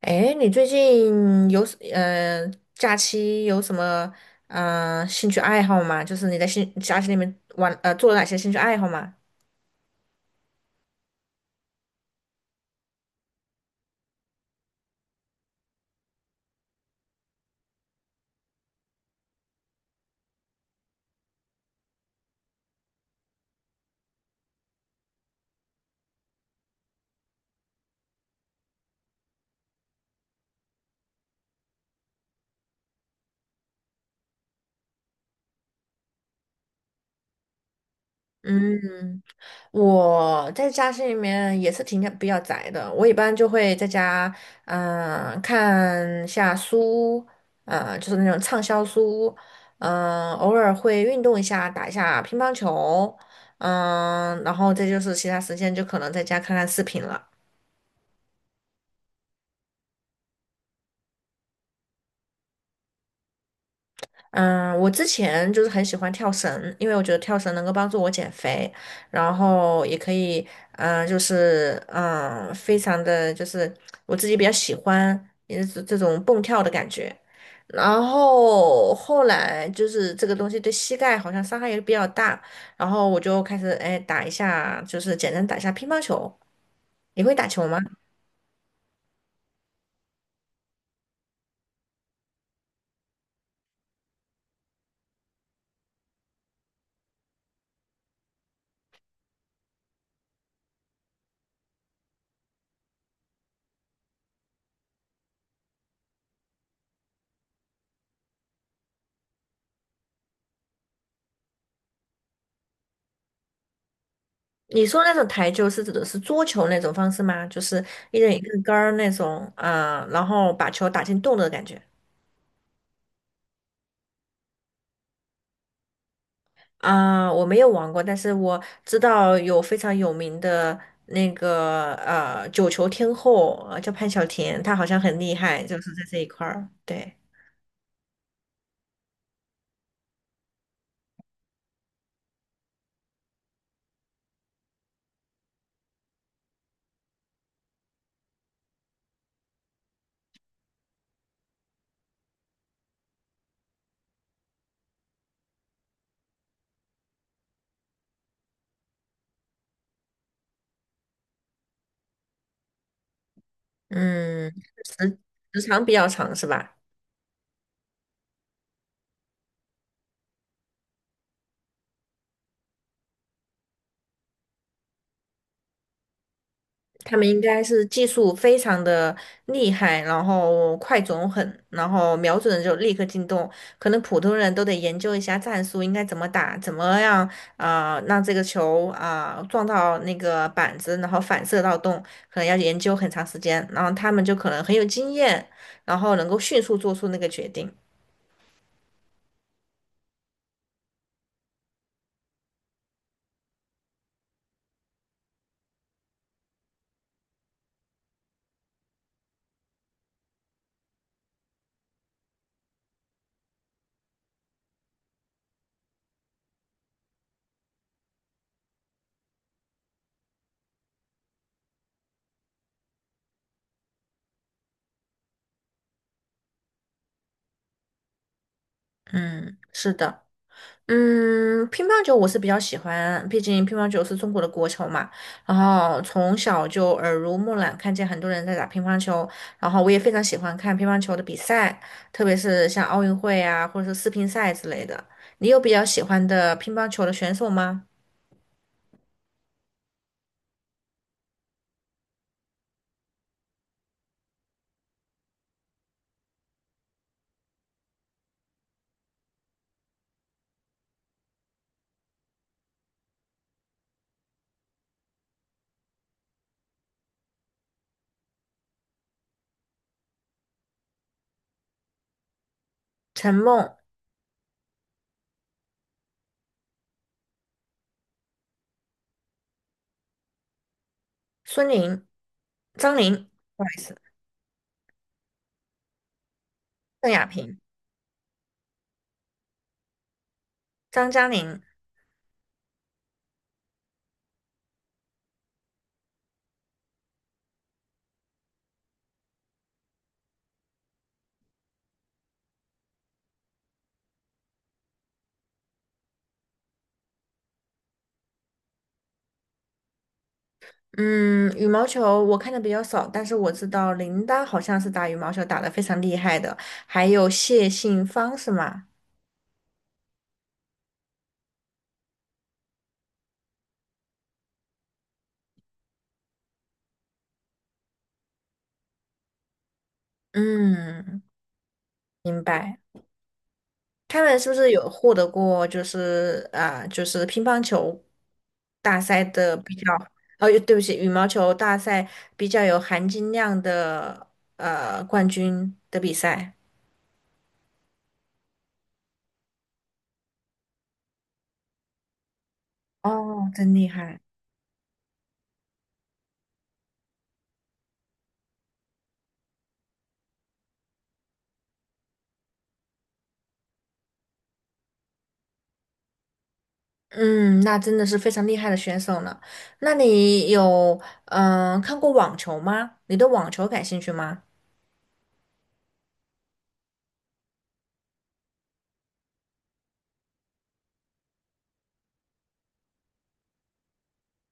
哎，你最近有假期有什么兴趣爱好吗？就是你在兴假期里面玩做了哪些兴趣爱好吗？嗯，我在家是里面也是挺比较宅的，我一般就会在家看一下书，呃就是那种畅销书，偶尔会运动一下，打一下乒乓球，然后再就是其他时间就可能在家看看视频了。嗯，我之前就是很喜欢跳绳，因为我觉得跳绳能够帮助我减肥，然后也可以，非常的就是我自己比较喜欢，也是这种蹦跳的感觉。然后后来就是这个东西对膝盖好像伤害也比较大，然后我就开始哎打一下，就是简单打一下乒乓球。你会打球吗？你说那种台球是指的是桌球那种方式吗？就是一人一个杆儿那种然后把球打进洞的感觉啊、我没有玩过，但是我知道有非常有名的那个呃九球天后，呃叫潘晓婷，她好像很厉害，就是在这一块儿。对，嗯，时时长比较长是吧？他们应该是技术非常的厉害，然后快准狠，然后瞄准了就立刻进洞。可能普通人都得研究一下战术，应该怎么打，怎么样让这个球撞到那个板子，然后反射到洞，可能要研究很长时间。然后他们就可能很有经验，然后能够迅速做出那个决定。嗯，是的。嗯，乒乓球我是比较喜欢，毕竟乒乓球是中国的国球嘛。然后从小就耳濡目染，看见很多人在打乒乓球，然后我也非常喜欢看乒乓球的比赛，特别是像奥运会啊，或者是世乒赛之类的。你有比较喜欢的乒乓球的选手吗？陈梦、孙宁、张宁，不好意思，邓亚萍、张嘉宁。嗯，羽毛球我看的比较少，但是我知道林丹好像是打羽毛球打得非常厉害的，还有谢杏芳是吗？嗯，明白。他们是不是有获得过乒乓球大赛的比较？哦，对不起，羽毛球大赛比较有含金量的呃冠军的比赛。哦，真厉害。嗯，那真的是非常厉害的选手呢。那你有看过网球吗？你对网球感兴趣吗？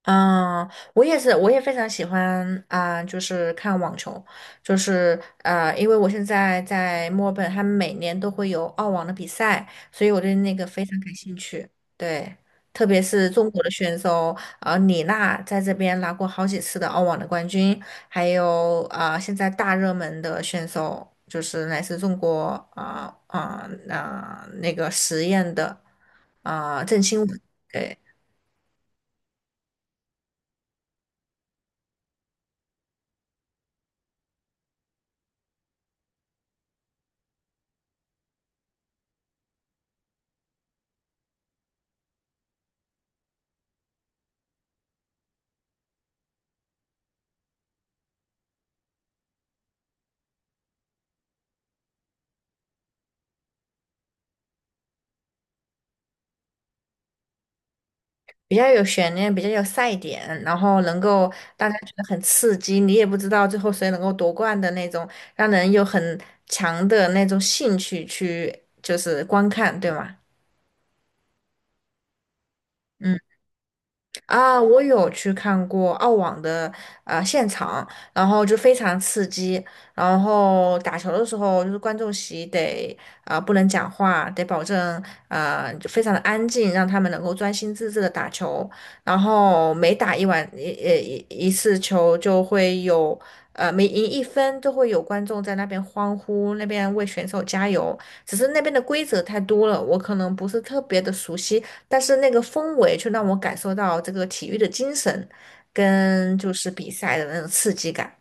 嗯，我也是，我也非常喜欢就是看网球，就是呃，因为我现在在墨尔本，他们每年都会有澳网的比赛，所以我对那个非常感兴趣。对，特别是中国的选手，呃，李娜在这边拿过好几次的澳网的冠军，还有现在大热门的选手就是来自中国啊啊啊那个实验的啊、郑钦文。对比较有悬念，比较有赛点，然后能够大家觉得很刺激，你也不知道最后谁能够夺冠的那种，让人有很强的那种兴趣去就是观看，对吗？嗯。啊，我有去看过澳网的呃现场，然后就非常刺激。然后打球的时候，就是观众席得不能讲话，得保证啊、就非常的安静，让他们能够专心致志的打球。然后每打一晚一一一一次球，就会有呃每赢一分都会有观众在那边欢呼，那边为选手加油。只是那边的规则太多了，我可能不是特别的熟悉。但是那个氛围却让我感受到这个体育的精神，跟就是比赛的那种刺激感。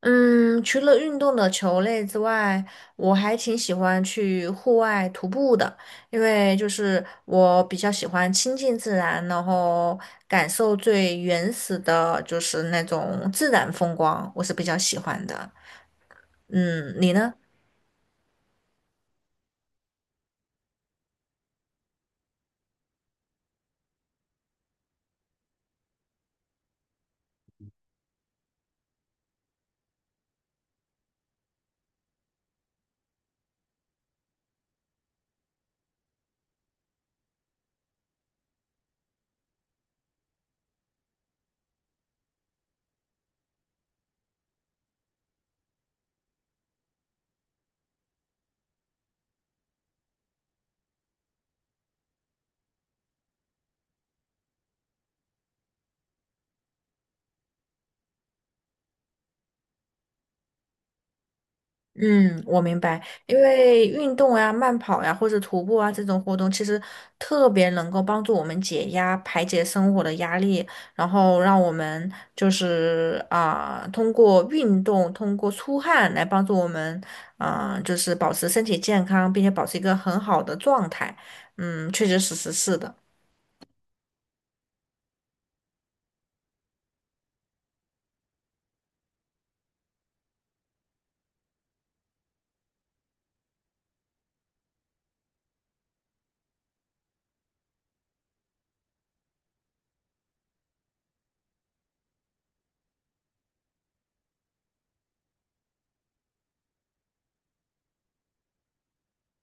嗯，除了运动的球类之外，我还挺喜欢去户外徒步的，因为就是我比较喜欢亲近自然，然后感受最原始的，就是那种自然风光，我是比较喜欢的。嗯，你呢？嗯，我明白，因为运动呀、慢跑呀，或者徒步啊这种活动，其实特别能够帮助我们解压、排解生活的压力，然后让我们通过运动、通过出汗来帮助我们，啊、就是保持身体健康，并且保持一个很好的状态。嗯，确确实实是的。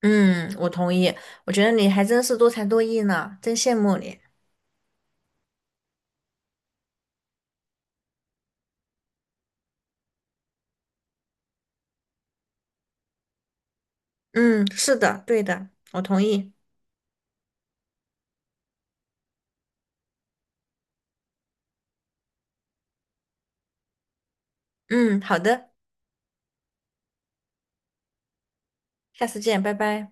嗯，我同意，我觉得你还真是多才多艺呢，真羡慕你。嗯，是的，对的，我同意。嗯，好的。下次见，拜拜。